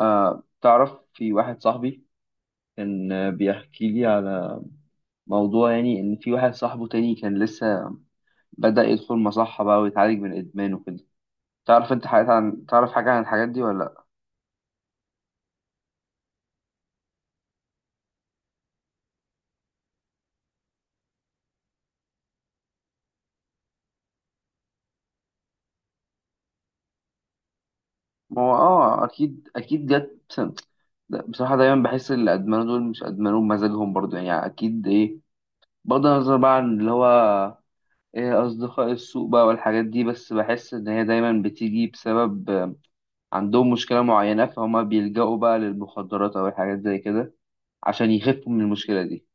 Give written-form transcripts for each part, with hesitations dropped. تعرف في واحد صاحبي كان، بيحكي لي على موضوع، يعني إن في واحد صاحبه تاني كان لسه بدأ يدخل مصحة بقى ويتعالج من إدمان وكده. تعرف أنت حاجات عن تعرف حاجة عن الحاجات دي ولا لأ؟ ما هو أكيد أكيد جت. بصراحة دايما بحس إن اللي أدمنوا دول مش أدمنوا بمزاجهم برضو، يعني أكيد إيه بغض النظر بقى عن اللي هو إيه أصدقاء السوء بقى والحاجات دي، بس بحس إن هي دايما بتيجي بسبب عندهم مشكلة معينة، فهما بيلجأوا بقى للمخدرات أو الحاجات زي كده عشان يخفوا من المشكلة دي.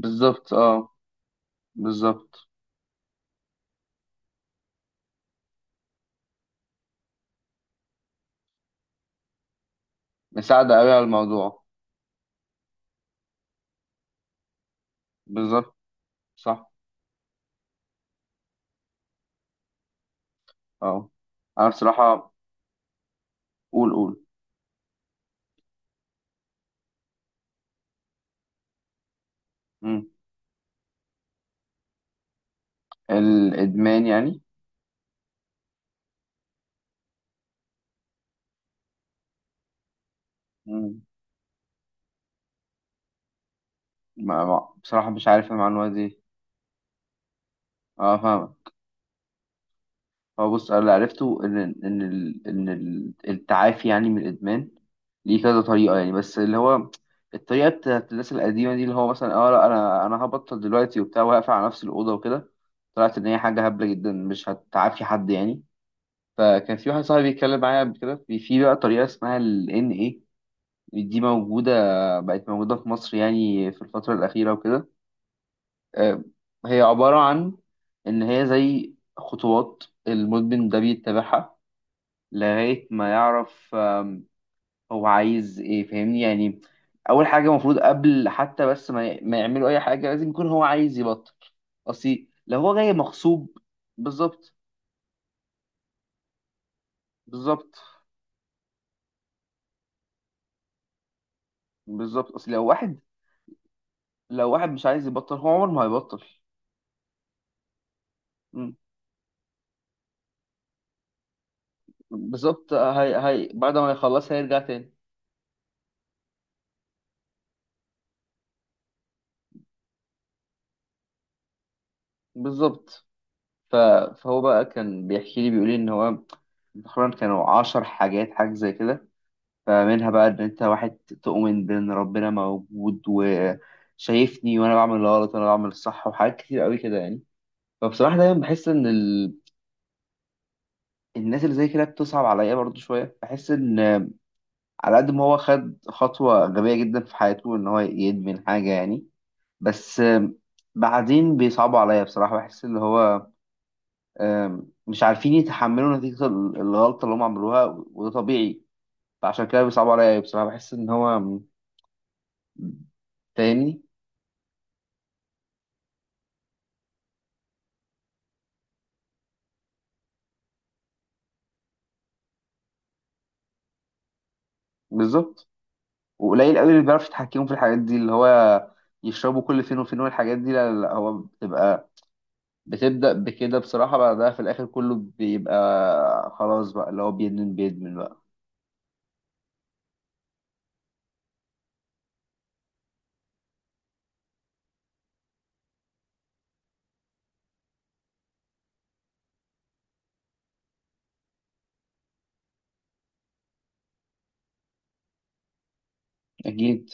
بالظبط، اه، بالظبط. مساعدة قوي على الموضوع. بالظبط، صح، اه. انا بصراحة، قول قول. مم. الادمان يعني. مم. بصراحة مش عارف المعلومة دي. اه، فاهمك. هو بص انا اللي عرفته التعافي يعني من الادمان ليه كذا طريقه، يعني بس اللي هو الطريقه بتاعت الناس القديمه دي اللي هو مثلا، اه لا، انا هبطل دلوقتي وبتاع وهقفل على نفس الاوضه وكده. طلعت ان هي حاجه هبله جدا، مش هتعافي حد يعني. فكان في واحد صاحبي بيتكلم معايا قبل كده في بقى طريقه اسمها ال NA. دي موجوده، بقت موجوده في مصر يعني في الفتره الاخيره وكده. آه، هي عباره عن ان هي زي خطوات المدمن ده بيتبعها لغاية ما يعرف هو عايز ايه، فاهمني يعني. اول حاجة المفروض قبل حتى بس ما يعملوا اي حاجة لازم يكون هو عايز يبطل. اصل لو هو جاي مغصوب. بالظبط. بالظبط. بالظبط. اصل لو واحد، لو واحد مش عايز يبطل هو عمره ما هيبطل. مم. بالظبط. هي بعد ما يخلص هيرجع تاني. بالظبط. ف- فهو بقى كان بيحكي لي بيقول لي ان هو تقريبا كانوا 10 حاجات، حاجة زي كده. فمنها بقى ان انت واحد تؤمن بان ربنا موجود وشايفني وانا بعمل الغلط وانا بعمل الصح، وحاجات كتير قوي كده يعني. فبصراحة دايما بحس ان الناس اللي زي كده بتصعب عليا برضو شوية، بحس ان على قد ما هو خد خطوة غبية جدا في حياته ان هو يدمن حاجة يعني. بس بعدين بيصعبوا عليا بصراحة، بحس اللي هو مش عارفين يتحملوا نتيجة الغلطة اللي هم عملوها، وده طبيعي. فعشان كده بيصعبوا عليا بصراحة، بحس ان هو تاني. بالظبط. وقليل قوي اللي بيعرف يتحكموا في الحاجات دي، اللي هو يشربوا كل فين وفين والحاجات دي. لا لا لا، هو بتبدأ بكده بصراحة، بعدها في الآخر كله بيبقى خلاص بقى، اللي هو بيدمن بيدمن بقى. أكيد.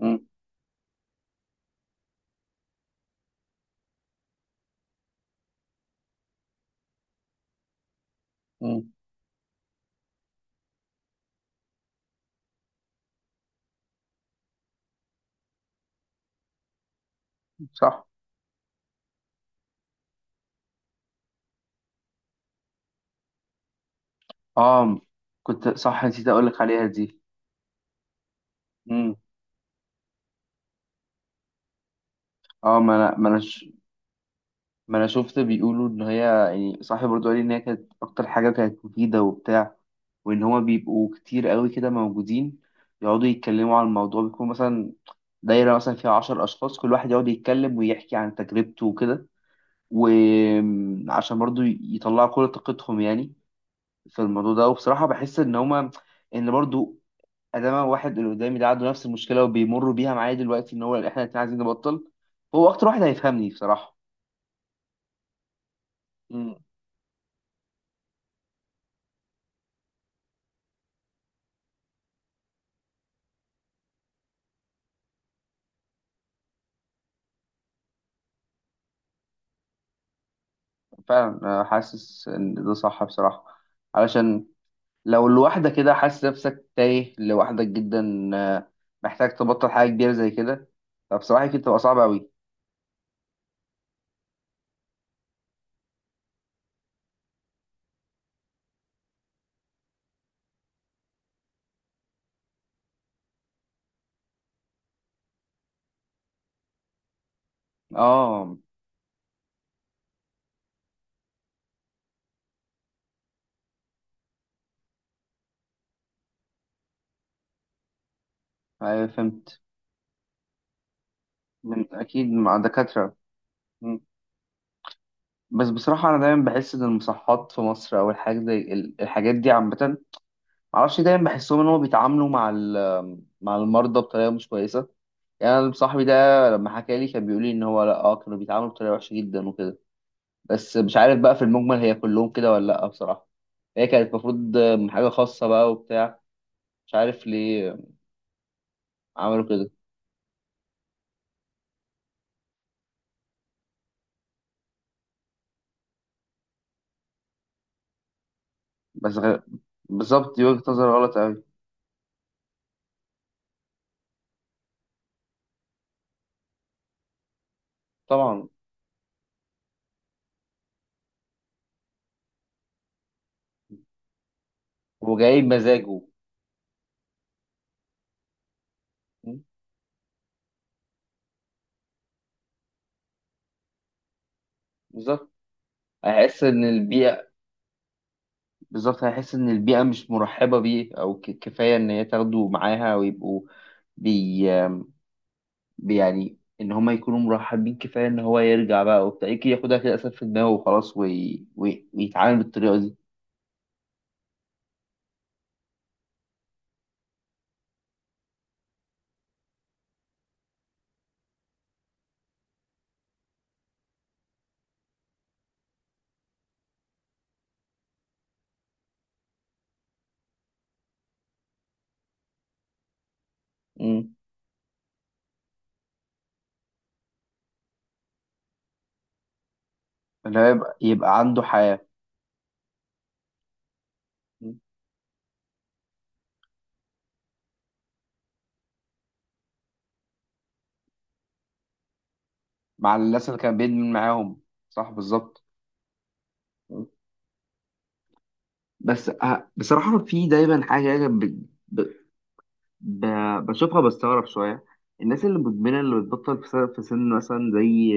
مم. مم. صح. آه، كنت صح، نسيت أقول لك عليها دي. مم. آه ما أنا ما أنا ش... ما أنا شفت بيقولوا إن هي، يعني صاحبي برضه قال لي إن هي كانت أكتر حاجة كانت مفيدة وبتاع، وان هما بيبقوا كتير قوي كده موجودين يقعدوا يتكلموا عن الموضوع. بيكون مثلا دايرة مثلا فيها 10 أشخاص، كل واحد يقعد يتكلم ويحكي عن تجربته وكده، وعشان برضو يطلعوا كل طاقتهم يعني في الموضوع ده. وبصراحة بحس إن هما إن برضو أدام واحد، اللي قدامي ده عنده نفس المشكلة وبيمر بيها معايا دلوقتي، إن هو إحنا الاتنين عايزين نبطل، هو أكتر واحد هيفهمني بصراحة. مم. فعلا أنا حاسس إن ده صح بصراحة، علشان لو لوحدك كده حاسس نفسك تايه لوحدك جدا، محتاج تبطل حاجة كبيرة زي كده، فبصراحة كده بتبقى صعبة أوي. اه. أيوة، فهمت. من أكيد مع دكاترة. مم. بس بصراحة أنا دايما بحس إن المصحات في مصر أو الحاجات زي الحاجات دي عامة، معرفش، دايما بحسهم إن هما بيتعاملوا مع مع المرضى بطريقة مش كويسة. يعني أنا صاحبي ده لما حكى لي كان بيقول لي إن هو لأ، آه، كانوا بيتعاملوا بطريقة وحشة جدا وكده. بس مش عارف بقى في المجمل هي كلهم كده ولا لأ بصراحة، هي كانت المفروض من حاجة خاصة بقى وبتاع. مش عارف ليه عملوا كده. بس غ... بالظبط، دي وجهة نظر غلط أوي. طبعا. وجاي بمزاجه. م? بالظبط، هيحس إن البيئة. بالظبط، هيحس إن البيئة مش مرحبة بيه، أو كفاية إن هي تاخده معاها ويبقوا بي... بي يعني، إن هما يكونوا مرحبين، كفاية إن هو يرجع بقى وبتاع، يمكن ياخدها كده أسف في دماغه وخلاص ويتعامل بالطريقة دي. ان هو يبقى عنده حياة. مع الناس اللي كان بيدمن معاهم. صح، بالظبط. بس بصراحة في دايما حاجة كده ب... بشوفها بستغرب شوية. الناس اللي مدمنة اللي بتبطل في سن مثلا زي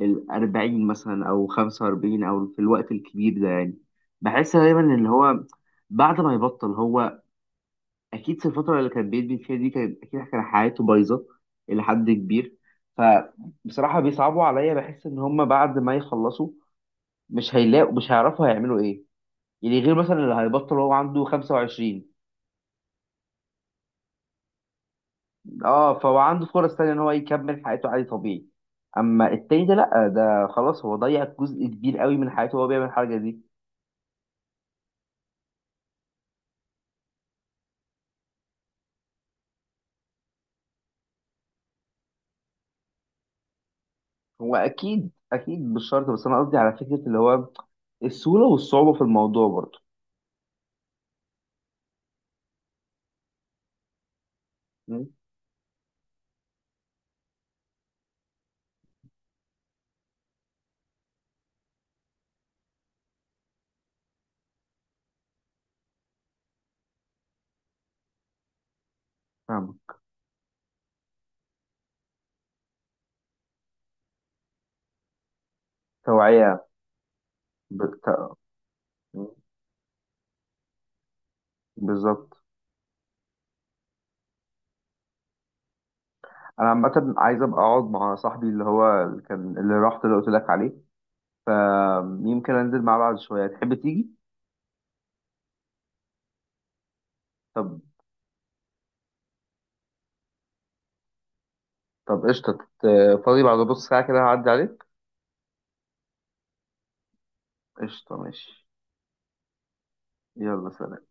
الأربعين مثلا، أو 45، أو في الوقت الكبير ده يعني. بحس دايما اللي هو بعد ما يبطل هو اكيد في الفتره اللي كان بيدبي فيها دي، كان اكيد كان حياته بايظه الى حد كبير. فبصراحه بيصعبوا عليا، بحس ان هم بعد ما يخلصوا مش هيلاقوا، مش هيعرفوا هيعملوا ايه. يعني غير مثلا اللي هيبطل هو عنده 25. اه، فهو عنده فرص تانية ان هو يكمل حياته عادي طبيعي. اما التاني ده لا، ده خلاص هو ضيع جزء كبير قوي من حياته وهو بيعمل الحاجه دي. هو اكيد اكيد مش شرط، بس انا قصدي على فكره اللي هو السهوله والصعوبه في الموضوع برضه. م? فاهمة. توعيه. بالت... بالظبط. انا عامه عايز ابقى اقعد مع صاحبي اللي هو اللي كان اللي رحت اللي قلت لك عليه، فيمكن انزل معاه بعد شويه، تحب تيجي؟ طب. طب قشطه. ت- فاضي بعد نص ساعه كده هعدي عليك. قشطه، ماشي. يلا سلام.